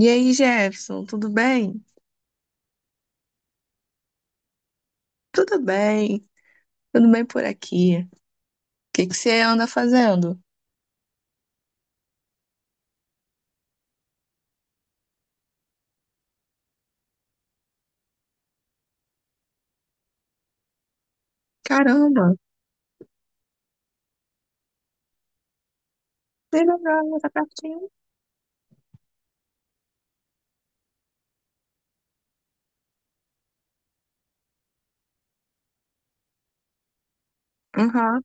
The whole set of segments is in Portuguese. E aí, Jefferson, tudo bem? Tudo bem, tudo bem por aqui. O que que você anda fazendo? Caramba, que legal, tá pertinho. Aham.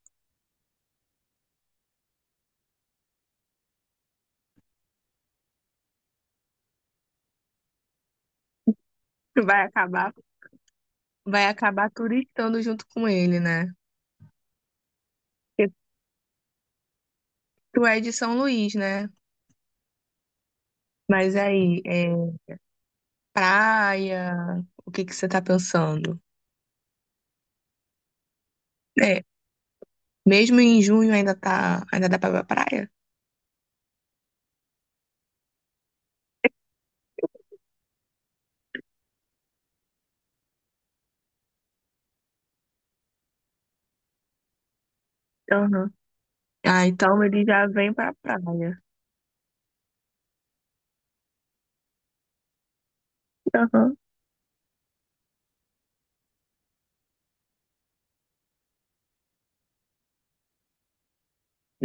Vai acabar, vai acabar turistando junto com ele, né? Porque tu é de São Luís, né? Mas aí, é praia, o que que você tá pensando? É, mesmo em junho ainda tá, ainda dá pra ir pra praia? Aham. Ah, então ele já vem pra praia. Aham.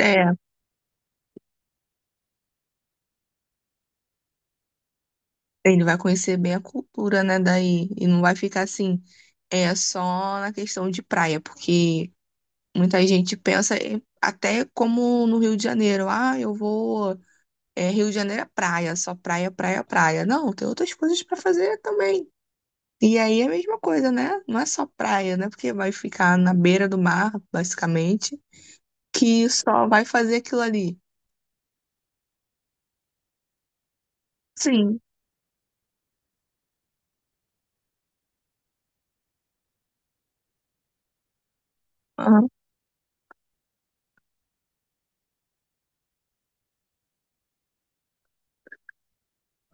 É. Ele vai conhecer bem a cultura, né, daí, e não vai ficar assim, é só na questão de praia, porque muita gente pensa até como no Rio de Janeiro, ah, Rio de Janeiro é praia, só praia, praia, praia. Não, tem outras coisas para fazer também. E aí é a mesma coisa, né? Não é só praia, né? Porque vai ficar na beira do mar, basicamente, que só vai fazer aquilo ali. Sim. Aham.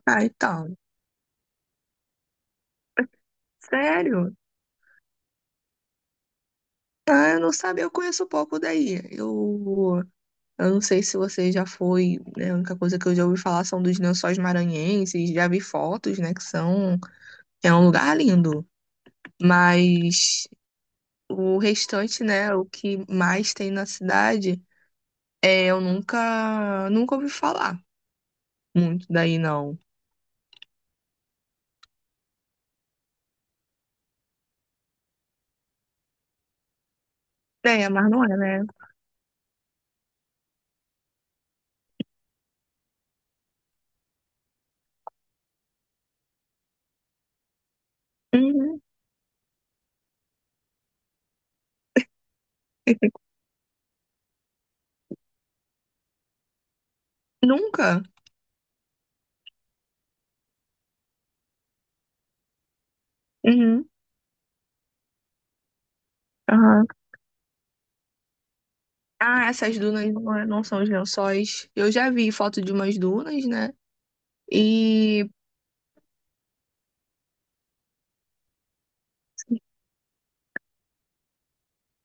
Ah, então. Sério? Ah, eu não sabia, eu conheço pouco daí. Eu não sei se você já foi, né, a única coisa que eu já ouvi falar são dos Lençóis Maranhenses, já vi fotos, né, que são, é um lugar lindo, mas o restante, né, o que mais tem na cidade, eu nunca, nunca ouvi falar muito daí, não. É, mas não é, né? Uhum. Nunca? Uhum. Aham. Ah, essas dunas não são os lençóis. Eu já vi foto de umas dunas, né? E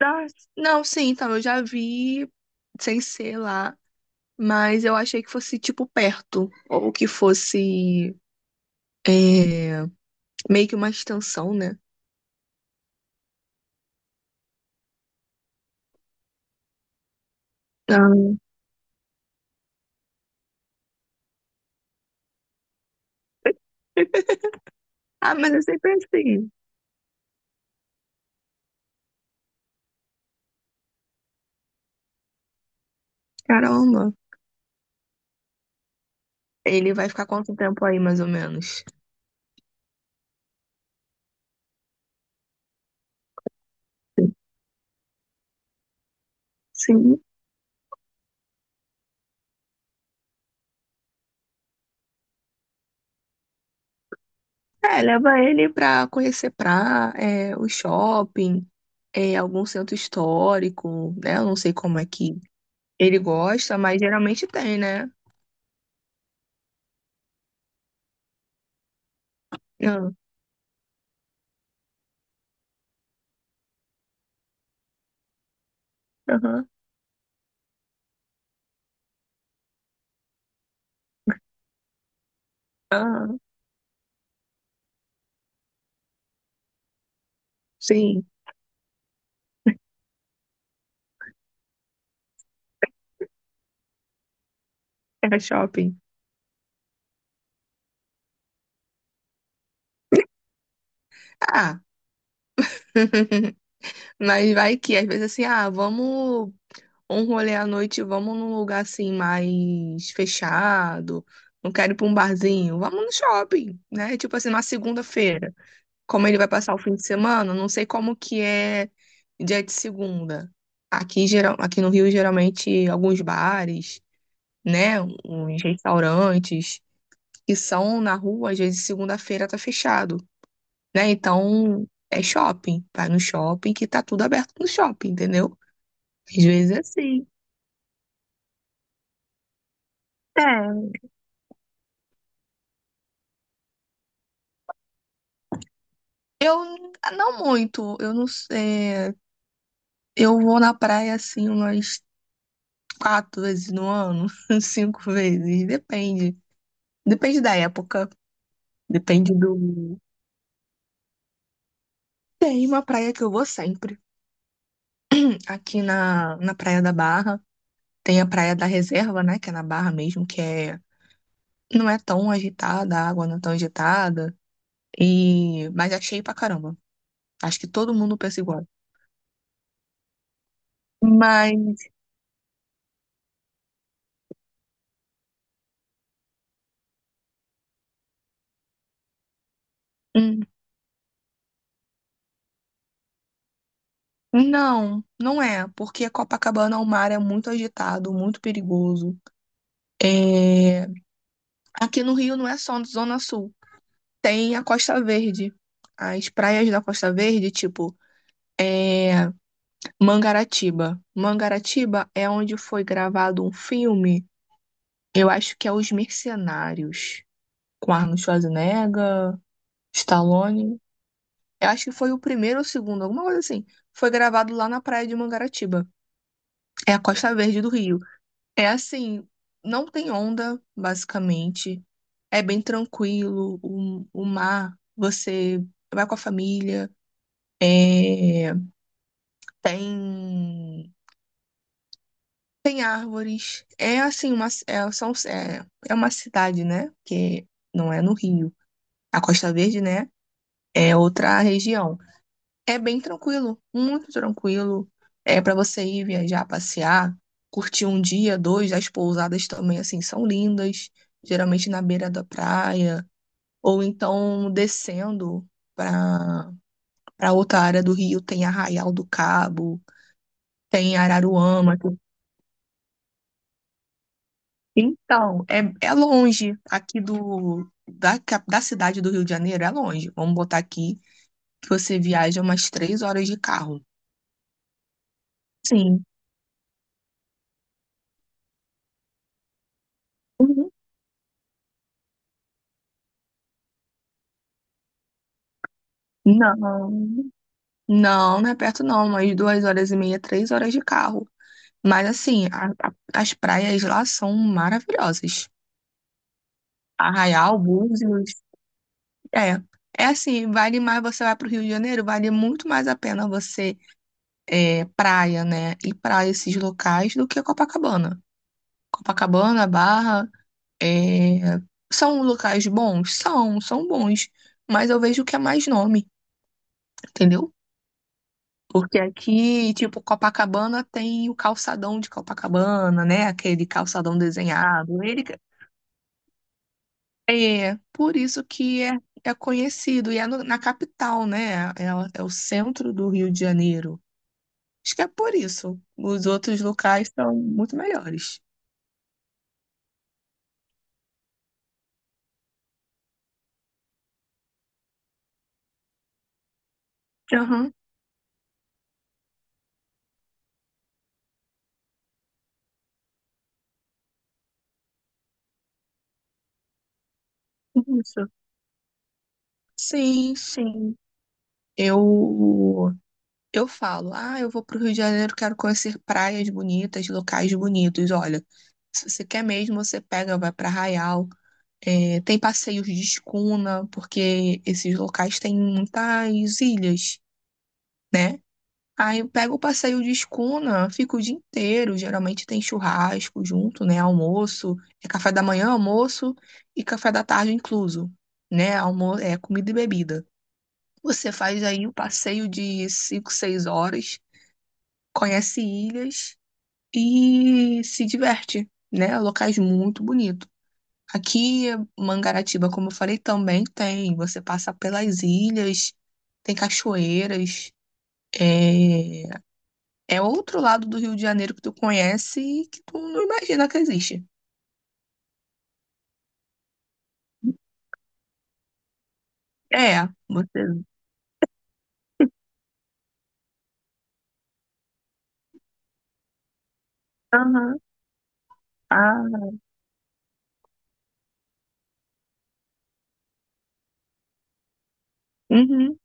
Ah, não, sim, então eu já vi sem ser lá, mas eu achei que fosse tipo perto, ou que fosse é, meio que uma extensão, né? Ah, Ah, mas eu sempre assim, caramba. Ele vai ficar quanto tempo aí, mais ou menos? Sim. É, leva ele pra conhecer o shopping, algum centro histórico, né? Eu não sei como é que ele gosta, mas geralmente tem, né? Ah, aham, aham, sim. É shopping. Ah, mas vai que às vezes assim, ah, vamos um rolê à noite, vamos num lugar assim mais fechado. Não quero ir pra um barzinho, vamos no shopping, né? Tipo assim, na segunda-feira. Como ele vai passar o fim de semana, não sei como que é dia de segunda. Aqui, aqui no Rio, geralmente, alguns bares, né? Uns restaurantes que são na rua, às vezes segunda-feira tá fechado. Né? Então é shopping, vai no shopping que tá tudo aberto no shopping, entendeu? Às vezes é assim. É. Eu não muito, eu não sei. Eu vou na praia assim umas 4 vezes no ano, 5 vezes, depende. Depende da época, depende do. Tem uma praia que eu vou sempre. Aqui na Praia da Barra, tem a Praia da Reserva, né? Que é na Barra mesmo, não é tão agitada, a água não é tão agitada. Mas é cheio pra caramba. Acho que todo mundo pensa igual. Mas hum, não, não é, porque Copacabana, o mar é muito agitado, muito perigoso. É, aqui no Rio não é só Zona Sul, tem a Costa Verde. As praias da Costa Verde, tipo, é Mangaratiba. Mangaratiba é onde foi gravado um filme, eu acho que é Os Mercenários, com Arnold Schwarzenegger, Stallone. Eu acho que foi o primeiro ou o segundo, alguma coisa assim. Foi gravado lá na praia de Mangaratiba. É a Costa Verde do Rio. É assim, não tem onda, basicamente. É bem tranquilo. O mar, você vai com a família. É, tem tem árvores. É assim, uma, é, são, é, é uma cidade, né? Que não é no Rio. A Costa Verde, né? É outra região. É bem tranquilo, muito tranquilo. É para você ir viajar, passear, curtir um dia, dois. As pousadas também, assim, são lindas, geralmente na beira da praia, ou então descendo para para outra área do Rio, tem Arraial do Cabo, tem Araruama. Então, é longe aqui da cidade do Rio de Janeiro, é longe. Vamos botar aqui que você viaja umas 3 horas de carro. Sim. Uhum. Não. Não, não é perto não, mas 2 horas e meia, 3 horas de carro. Mas assim, as praias lá são maravilhosas. Arraial, Búzios, é. É assim, vale mais você vai para o Rio de Janeiro, vale muito mais a pena você praia, né? Ir para esses locais do que Copacabana. Copacabana, Barra, é, são locais bons? São bons. Mas eu vejo que é mais nome, entendeu? Porque aqui, tipo, Copacabana tem o calçadão de Copacabana, né? Aquele calçadão desenhado. Ele é por isso que é conhecido e é na capital, né? É o centro do Rio de Janeiro. Acho que é por isso. Os outros locais são muito melhores. Aham, isso. Sim, sim. Eu eu falo, ah, eu vou pro Rio de Janeiro, quero conhecer praias bonitas, locais bonitos. Olha, se você quer mesmo, você pega, vai para Arraial. É, tem passeios de escuna, porque esses locais têm muitas ilhas, né? Aí eu pego o passeio de escuna, fico o dia inteiro. Geralmente tem churrasco junto, né? Almoço, é café da manhã, almoço e café da tarde incluso, né? Almo É comida e bebida. Você faz aí um passeio de 5 6 horas, conhece ilhas e se diverte, né? Locais muito bonitos. Aqui, Mangaratiba, como eu falei, também tem. Você passa pelas ilhas, tem cachoeiras. É, é outro lado do Rio de Janeiro que tu conhece e que tu não imagina que existe. É, você. Aham, ah, uhum.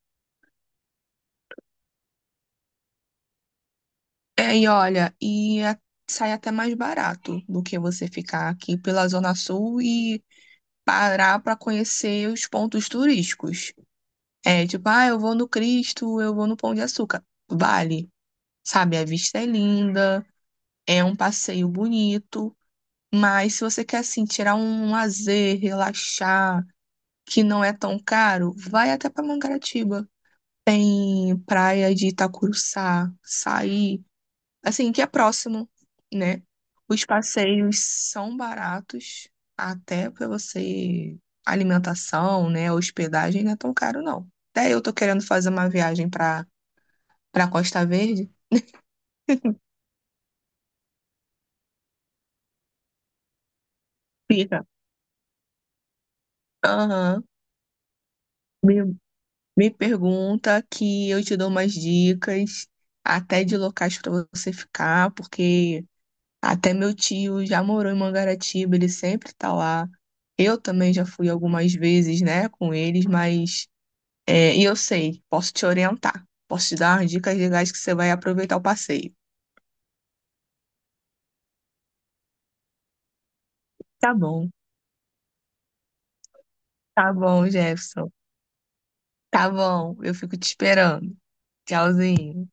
É, e olha, e sai até mais barato do que você ficar aqui pela Zona Sul e parar para conhecer os pontos turísticos. É tipo, ah, eu vou no Cristo, eu vou no Pão de Açúcar. Vale. Sabe, a vista é linda, é um passeio bonito, mas se você quer assim tirar um lazer, relaxar, que não é tão caro, vai até para Mangaratiba. Tem praia de Itacuruçá, Saí, assim, que é próximo, né? Os passeios são baratos, até para você alimentação, né, hospedagem não é tão caro não. Até eu tô querendo fazer uma viagem para Costa Verde. Fica. Aham. Me pergunta que eu te dou umas dicas, até de locais para você ficar, porque até meu tio já morou em Mangaratiba, ele sempre tá lá. Eu também já fui algumas vezes, né, com eles, mas e eu sei, posso te orientar, posso te dar umas dicas legais que você vai aproveitar o passeio. Tá bom, tá bom, Jefferson. Tá bom, eu fico te esperando. Tchauzinho.